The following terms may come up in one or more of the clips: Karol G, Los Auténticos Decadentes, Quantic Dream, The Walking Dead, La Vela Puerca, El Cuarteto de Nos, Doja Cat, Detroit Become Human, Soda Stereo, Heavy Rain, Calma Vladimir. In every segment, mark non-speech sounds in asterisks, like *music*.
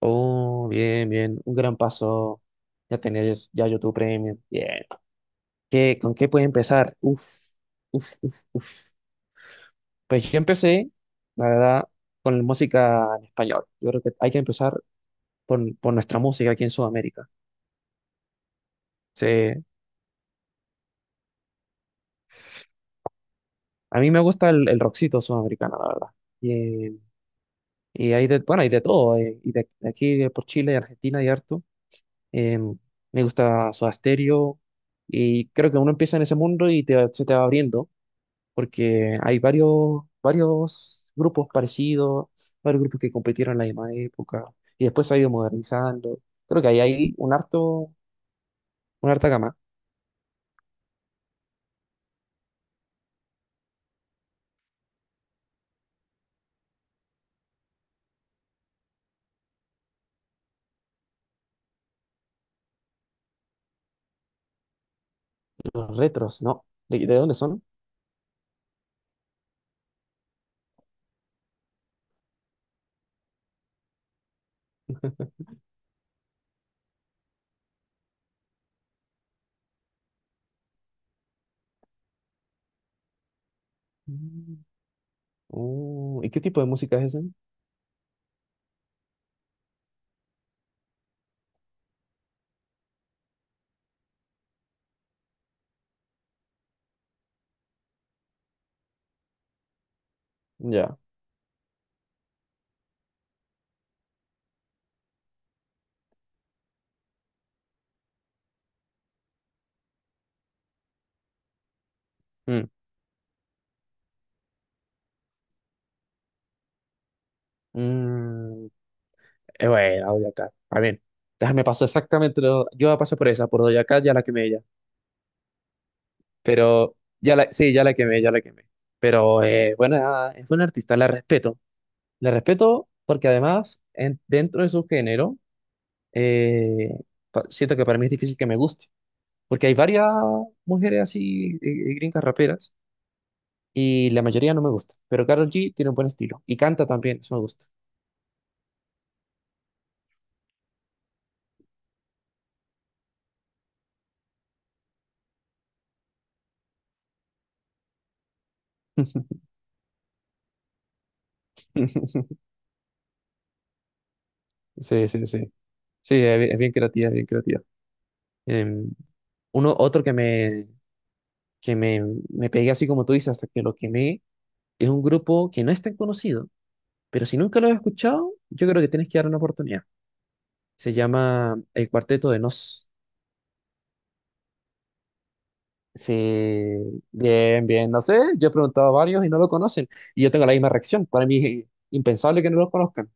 Oh, bien, bien, un gran paso. Ya tenés ya YouTube Premium. Bien. ¿Con qué puedo empezar? Uf, uf, uf. Pues yo empecé, la verdad, con la música en español. Yo creo que hay que empezar por nuestra música aquí en Sudamérica. Sí. A mí me gusta el rockcito sudamericano, la verdad. Y, y hay hay de todo. Y de aquí de por Chile, Argentina y harto. Em, me gusta Soda Stereo. Y creo que uno empieza en ese mundo y se te va abriendo, porque hay varios, varios grupos parecidos, varios grupos que competieron en la misma época y después se ha ido modernizando. Creo que ahí hay una harta gama. Los retros, ¿no? ¿De dónde son? Mm. ¿Y qué tipo de música es ese? Ya. Mm. Mm, bueno, Doja Cat. A ver, déjame pasar exactamente. Yo pasé por esa, por Doja Cat, ya la quemé ya. Pero, sí, ya la quemé, ya la quemé. Pero, bueno, nada, es buena artista, la respeto. Le respeto porque además, dentro de su género, eh, siento que para mí es difícil que me guste, porque hay varias mujeres así, gringas raperas, y la mayoría no me gusta, pero Karol G tiene un buen estilo, y canta también, eso me gusta. *laughs* Sí, sí, sí. Sí, es bien creativa, es bien creativa. Em, otro que que me, me pegué así como tú dices, hasta que lo quemé, es un grupo que no es tan conocido, pero si nunca lo has escuchado, yo creo que tienes que dar una oportunidad. Se llama El Cuarteto de Nos. Sí, bien, bien. No sé, yo he preguntado a varios y no lo conocen. Y yo tengo la misma reacción. Para mí es impensable que no lo conozcan.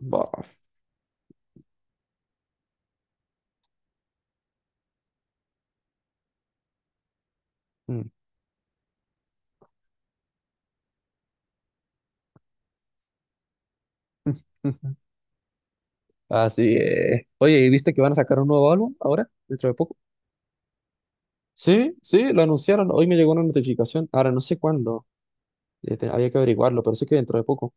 Bof. Mm. *laughs* Así es. Oye, ¿y viste que van a sacar un nuevo álbum ahora, dentro de poco? Sí, sí, lo anunciaron. Hoy me llegó una notificación. Ahora no sé cuándo. Había que averiguarlo, pero sé que dentro de poco.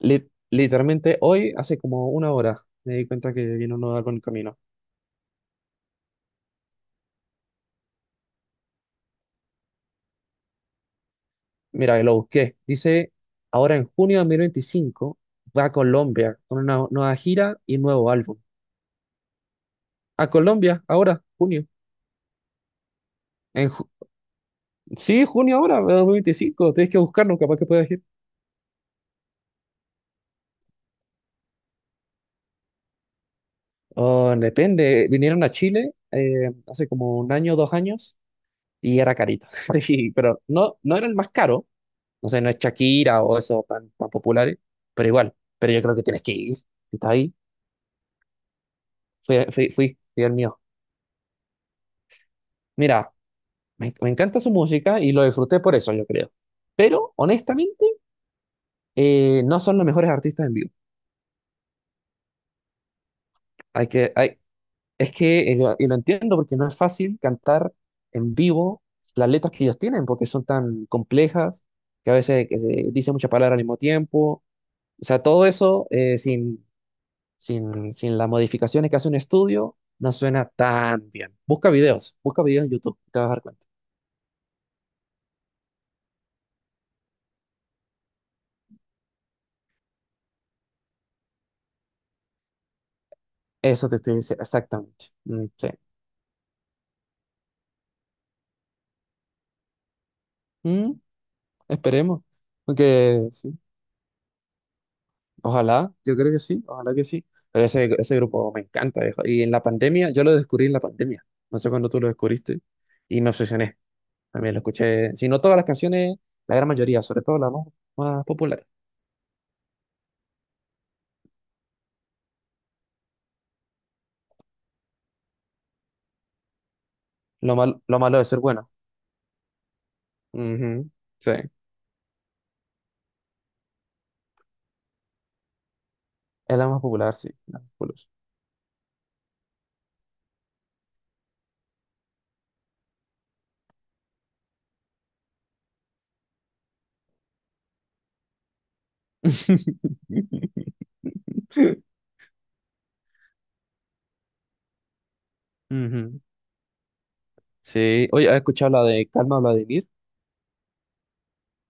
Literalmente hoy, hace como una hora, me di cuenta que viene un nuevo álbum en camino. Mira, lo busqué. Dice, ahora en junio de 2025 va a Colombia con una nueva gira y nuevo álbum. A Colombia, ahora, junio. En ju- sí, junio ahora, de 2025. Tienes que buscarlo, capaz que puedas ir. Oh, depende. Vinieron a Chile hace como un año, 2 años, y era carito. *laughs* Sí, pero no era el más caro. No sé, no es Shakira o esos tan, tan populares, pero igual. Pero yo creo que tienes que ir. Si está ahí, fui, fui, fui, fui el mío. Mira, me encanta su música y lo disfruté por eso, yo creo. Pero honestamente, no son los mejores artistas en vivo. Hay que, hay, es que, lo- y lo entiendo porque no es fácil cantar en vivo las letras que ellos tienen, porque son tan complejas, que a veces dicen muchas palabras al mismo tiempo. O sea, todo eso sin las modificaciones que hace un estudio, no suena tan bien. Busca videos en YouTube, te vas a dar cuenta. Eso te estoy diciendo, exactamente. Mm, sí. Mm. Esperemos, porque sí, ojalá, yo creo que sí, ojalá que sí. Pero ese grupo me encanta, viejo. Y en la pandemia, yo lo descubrí en la pandemia. No sé cuándo tú lo descubriste. Y me obsesioné. También lo escuché, si no todas las canciones, la gran mayoría, sobre todo la más popular. Lo malo de ser bueno. Ujú. Sí, es la más popular, sí. La más popular. *laughs* Ujú. Sí, oye, ¿has escuchado la de Calma Vladimir?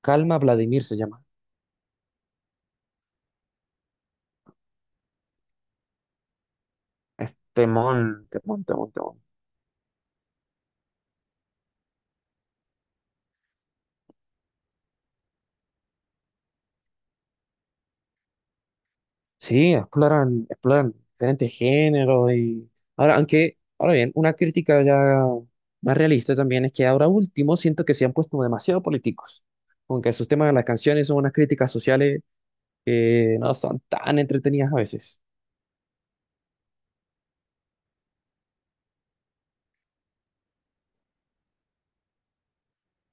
Calma Vladimir se llama. Es temón, temón, temón, temón. Sí, exploran diferentes géneros y ahora bien, una crítica ya más realista también es que ahora último siento que se han puesto demasiado políticos, aunque sus temas de las canciones son unas críticas sociales que no son tan entretenidas a veces.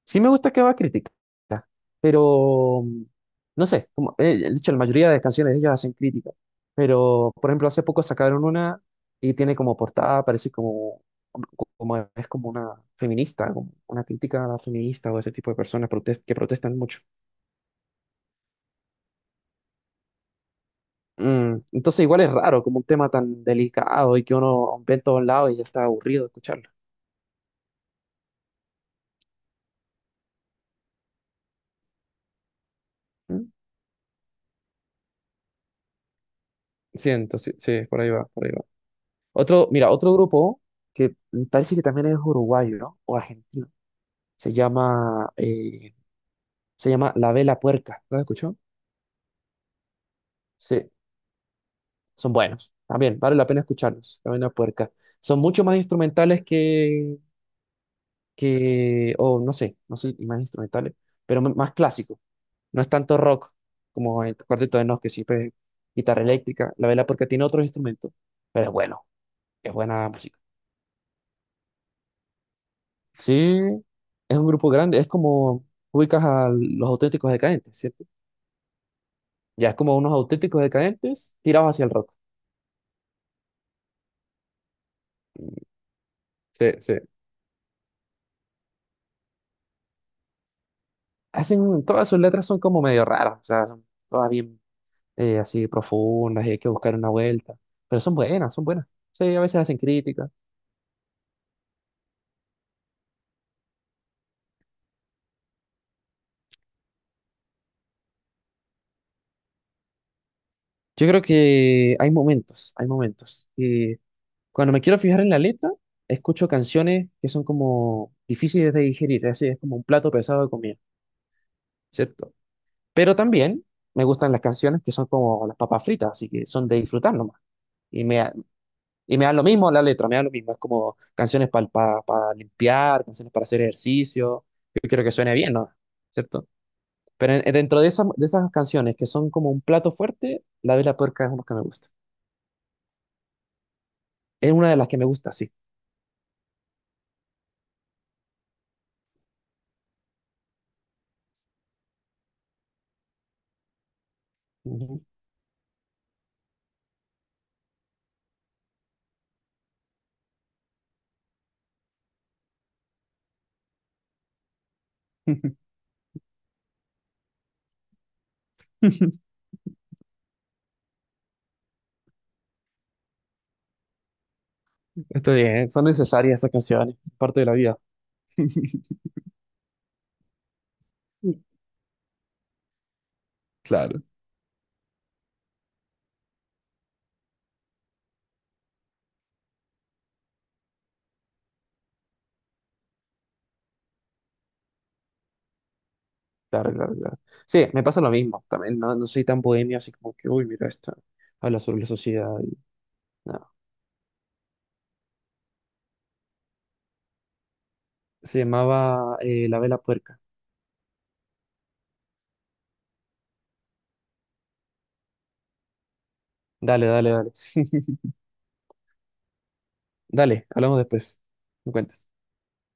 Sí me gusta que haga crítica, pero no sé, como, de hecho, la mayoría de canciones de ellos hacen crítica, pero por ejemplo, hace poco sacaron una y tiene como portada, parece como es como una feminista, como una crítica a la feminista o ese tipo de personas que protestan mucho. Entonces igual es raro, como un tema tan delicado y que uno ve en todos lados y ya está aburrido de escucharlo. ¿Mm? Sí, entonces, sí, por ahí va, por ahí va. Otro grupo que parece que también es uruguayo, ¿no? O argentino. Se llama, eh, se llama La Vela Puerca. ¿Lo has escuchado? Sí, son buenos. También vale la pena escucharlos. La Vela Puerca. Son mucho más instrumentales o no sé, no sé, y más instrumentales, pero más clásicos. No es tanto rock como el Cuarteto de Nos, que siempre es guitarra eléctrica. La Vela Puerca tiene otros instrumentos, pero es buena música. Sí, es un grupo grande. Es como ubicas a los auténticos decadentes, ¿cierto? Ya es como unos auténticos decadentes tirados hacia el rock. Sí, sí. Todas sus letras son como medio raras, o sea, son todas bien así profundas y hay que buscar una vuelta, pero son buenas, son buenas. Sí, a veces hacen críticas. Yo creo que hay momentos, hay momentos. Y cuando me quiero fijar en la letra, escucho canciones que son como difíciles de digerir, así es como un plato pesado de comida, ¿cierto? Pero también me gustan las canciones que son como las papas fritas, así que son de disfrutar nomás. Y me, Y me da lo mismo la letra, me da lo mismo. Es como canciones para limpiar, canciones para hacer ejercicio. Yo quiero que suene bien, ¿no? ¿Cierto? Pero dentro de esas, canciones que son como un plato fuerte, La Vela Puerca es una que me gusta. Es una de las que me gusta, sí. Ujú. Está bien, son necesarias esas canciones, parte de la vida. Claro. Claro, claro, claro. Sí, me pasa lo mismo. También no soy tan bohemio, así como que, uy, mira esto. Habla sobre la sociedad. Y no. Se llamaba La Vela Puerca. Dale, dale, dale. Dale, hablamos después. Me cuentas.